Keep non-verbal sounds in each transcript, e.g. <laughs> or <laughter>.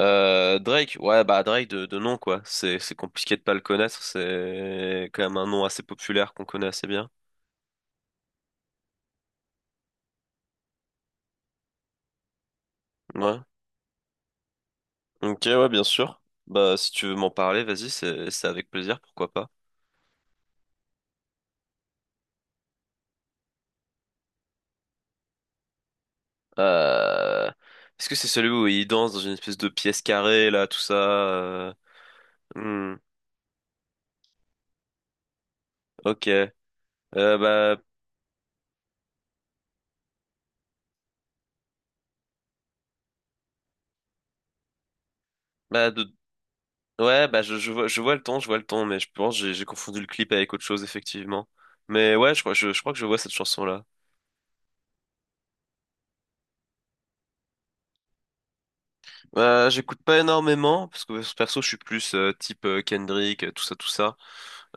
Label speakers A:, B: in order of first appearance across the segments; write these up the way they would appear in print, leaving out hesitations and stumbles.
A: Drake, ouais, bah Drake de nom, quoi. C'est compliqué de pas le connaître. C'est quand même un nom assez populaire qu'on connaît assez bien. Ouais. Ok, ouais, bien sûr. Bah, si tu veux m'en parler, vas-y, c'est avec plaisir, pourquoi pas. Euh, Est-ce que c'est celui où il danse dans une espèce de pièce carrée, là, tout ça? Hmm, ok. Euh, bah, bah, de- ouais, bah, je vois, je vois le ton, mais je pense que j'ai confondu le clip avec autre chose, effectivement. Mais ouais, je crois, je crois que je vois cette chanson-là. J'écoute pas énormément parce que perso je suis plus type Kendrick, tout ça, tout ça.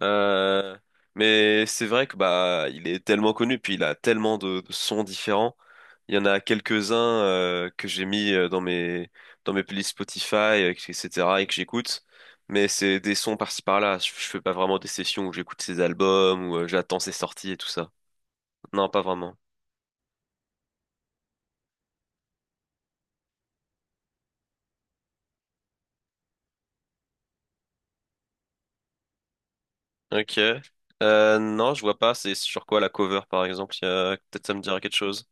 A: Euh, mais c'est vrai que bah il est tellement connu puis il a tellement de sons différents. Il y en a quelques-uns que j'ai mis dans mes playlists Spotify, etc. et que j'écoute. Mais c'est des sons par-ci par-là. Je fais pas vraiment des sessions où j'écoute ses albums ou j'attends ses sorties et tout ça. Non, pas vraiment. Ok. Non, je vois pas. C'est sur quoi la cover par exemple? Peut-être ça me dira quelque chose.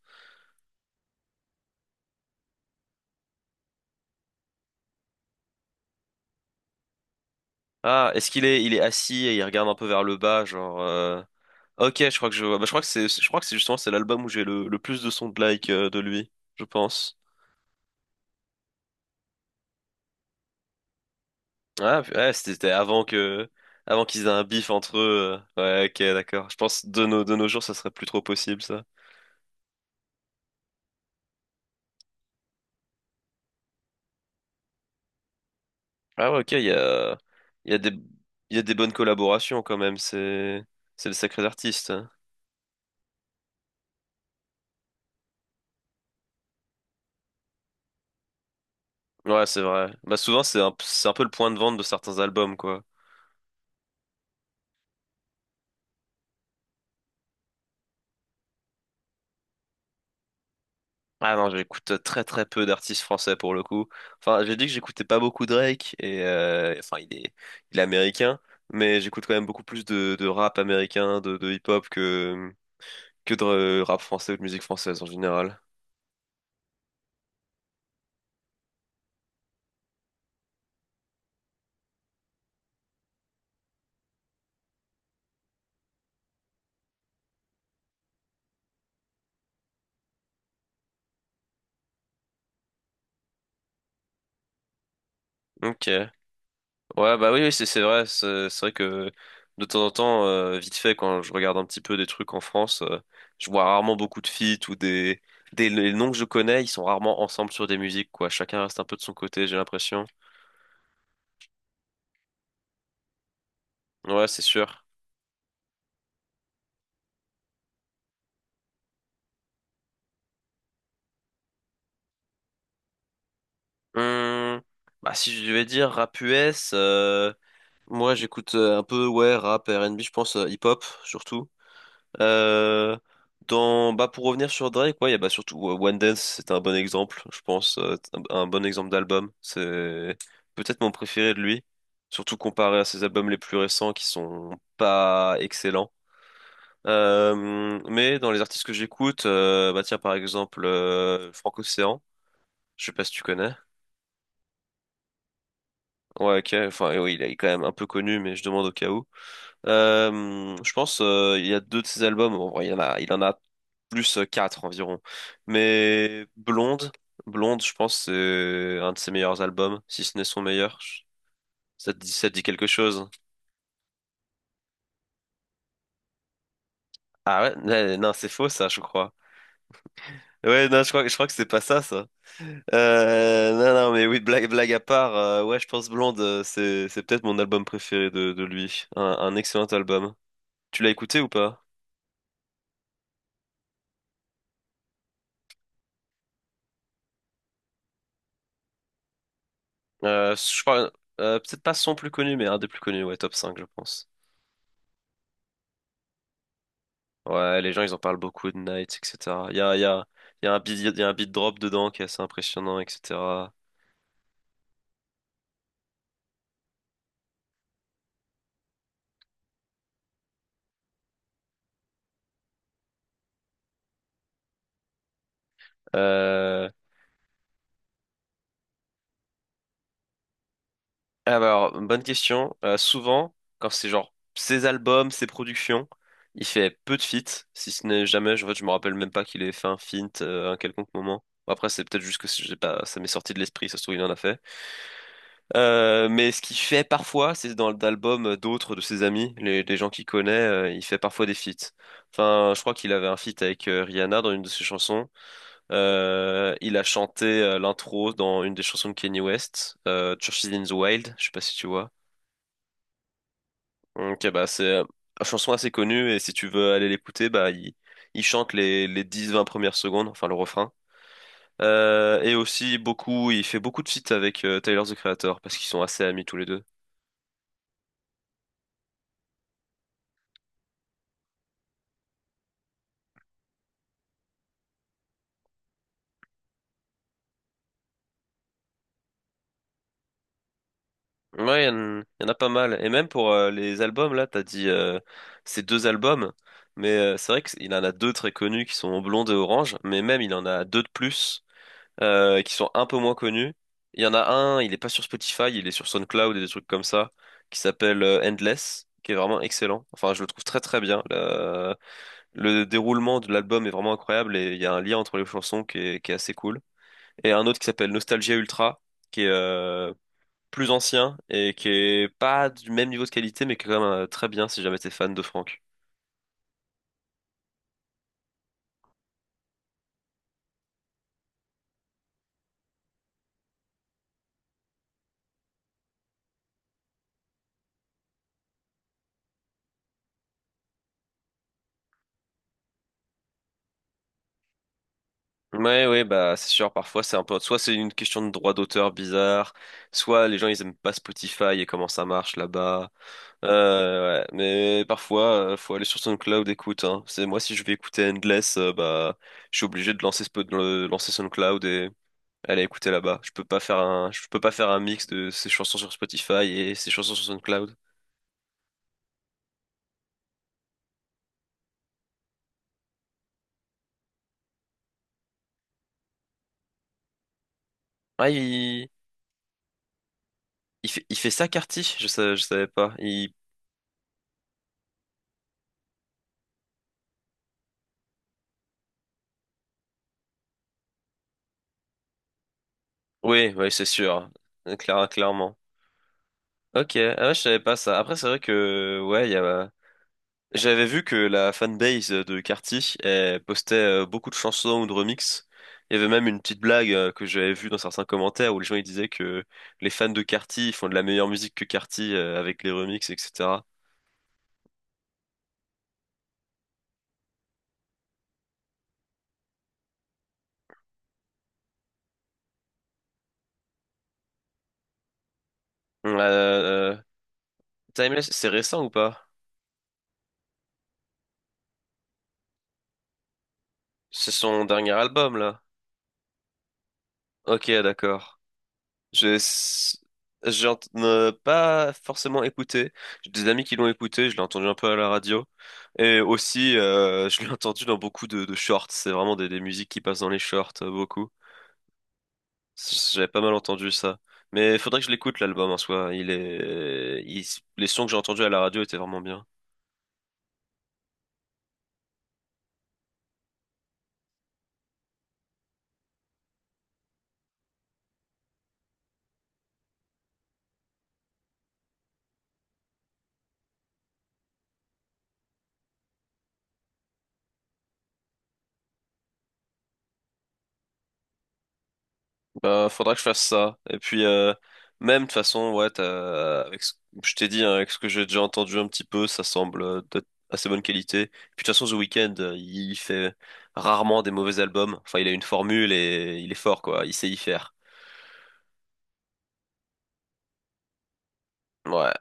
A: Ah, il est assis et il regarde un peu vers le bas, genre. Ok, je crois que je vois. Bah, je crois que c'est justement c'est l'album où j'ai le plus de sons de like de lui, je pense. Ah, ouais, c'était avant qu'ils aient un bif entre eux. Ouais, ok, d'accord. Je pense de nos jours, ça serait plus trop possible ça. Ah ouais, ok, il y a des, il y a des bonnes collaborations quand même. C'est le sacré artiste, hein. Ouais, c'est vrai. Bah souvent c'est un peu le point de vente de certains albums quoi. Ah non, j'écoute très très peu d'artistes français pour le coup. Enfin, j'ai dit que j'écoutais pas beaucoup Drake et enfin il est américain, mais j'écoute quand même beaucoup plus de rap américain, de hip-hop que de rap français ou de musique française en général. Ok. Ouais, bah oui, oui, c'est vrai que de temps en temps, vite fait, quand je regarde un petit peu des trucs en France, je vois rarement beaucoup de feats ou des les noms que je connais, ils sont rarement ensemble sur des musiques quoi. Chacun reste un peu de son côté, j'ai l'impression. Ouais, c'est sûr. Hum, bah, si je devais dire rap US, moi j'écoute un peu ouais rap, R&B, je pense hip-hop surtout. Euh, dans bah pour revenir sur Drake, ouais, il y a bah surtout One Dance, c'est un bon exemple, je pense, un bon exemple d'album. C'est peut-être mon préféré de lui, surtout comparé à ses albums les plus récents qui sont pas excellents. Mais dans les artistes que j'écoute, bah tiens par exemple Franck Océan, je sais pas si tu connais. Ouais, ok. Enfin, oui, il est quand même un peu connu, mais je demande au cas où. Je pense il y a deux de ses albums. En vrai, il en a plus quatre environ. Mais Blonde, Blonde, je pense c'est un de ses meilleurs albums, si ce n'est son meilleur. Ça te dit quelque chose? Ah ouais, mais non, c'est faux ça, je crois. Ouais, non, je crois que c'est pas ça, ça. Non, non, mais oui, blague à part, ouais, je pense Blonde, c'est peut-être mon album préféré de lui. Un excellent album. Tu l'as écouté ou pas? Je crois, peut-être pas son plus connu, mais un des plus connus, ouais, top 5 je pense. Ouais, les gens, ils en parlent beaucoup de Night, etc. Il y a il y a un beat drop dedans qui est assez impressionnant, etc. Euh... ah bah alors, bonne question. Souvent, quand c'est genre ses albums, ses productions, il fait peu de feats, si ce n'est jamais, en fait, je me rappelle même pas qu'il ait fait un feat à un quelconque moment. Bon, après, c'est peut-être juste que j'ai pas, ça m'est sorti de l'esprit, ça se trouve, il en a fait. Mais ce qu'il fait parfois, c'est dans l'album d'autres de ses amis, les gens qu'il connaît, il fait parfois des feats. Enfin, je crois qu'il avait un feat avec Rihanna dans une de ses chansons. Il a chanté l'intro dans une des chansons de Kanye West, Churches in the Wild, je sais pas si tu vois. Donc, bah, c'est une chanson assez connue et si tu veux aller l'écouter, bah, il chante les 10-20 premières secondes, enfin le refrain. Et aussi beaucoup, il fait beaucoup de feats avec Tyler, the Creator parce qu'ils sont assez amis tous les deux. Ouais, en y en a pas mal. Et même pour les albums, là, t'as dit ces deux albums. Mais c'est vrai qu'il en a deux très connus qui sont Blonde et Orange. Mais même, il en a deux de plus qui sont un peu moins connus. Il y en a un, il est pas sur Spotify, il est sur SoundCloud et des trucs comme ça, qui s'appelle Endless, qui est vraiment excellent. Enfin, je le trouve très très bien. Le déroulement de l'album est vraiment incroyable et il y a un lien entre les chansons qui est assez cool. Et un autre qui s'appelle Nostalgia Ultra, qui est plus ancien et qui est pas du même niveau de qualité, mais qui est quand même très bien si jamais t'es fan de Franck. Ouais, ouais, bah c'est sûr, parfois c'est un peu. Soit c'est une question de droit d'auteur bizarre, soit les gens ils aiment pas Spotify et comment ça marche là-bas. Ouais, mais parfois faut aller sur SoundCloud écoute, hein. C'est moi si je vais écouter Endless, bah je suis obligé de lancer, lancer SoundCloud et aller écouter là-bas. Je peux pas faire un mix de ces chansons sur Spotify et ces chansons sur SoundCloud. Ouais, Il fait ça, Carty? Je savais pas. Il... Oui, oui, c'est sûr. Clairement. Ok, ah ouais, je savais pas ça. Après, c'est vrai que, ouais, il y a... J'avais vu que la fanbase de Carty elle postait beaucoup de chansons ou de remixes. Il y avait même une petite blague que j'avais vue dans certains commentaires où les gens ils disaient que les fans de Carty ils font de la meilleure musique que Carty avec les remixes, etc. Euh, euh, Timeless, c'est récent ou pas? C'est son dernier album, là. Ok, d'accord. J'ai s- j'ai ent- Pas forcément écouté. J'ai des amis qui l'ont écouté, je l'ai entendu un peu à la radio. Et aussi, <laughs> je l'ai entendu dans beaucoup de shorts. C'est vraiment des musiques qui passent dans les shorts, beaucoup. J'avais pas mal entendu ça. Mais faudrait que je l'écoute, l'album en soi. Il est... Les sons que j'ai entendus à la radio étaient vraiment bien. Bah, faudra que je fasse ça. Et puis, même de toute façon, ouais, je t'ai dit, hein, avec ce que j'ai déjà entendu un petit peu, ça semble d'être assez bonne qualité. Puis de toute façon, The Weeknd, il fait rarement des mauvais albums. Enfin, il a une formule et il est fort, quoi. Il sait y faire. Ouais.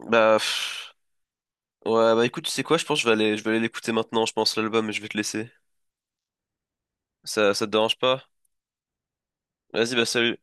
A: Bah, pff. Ouais, bah écoute, tu sais quoi, je pense que je vais aller l'écouter maintenant, je pense, l'album, et je vais te laisser. Ça te dérange pas? Vas-y, bah salut.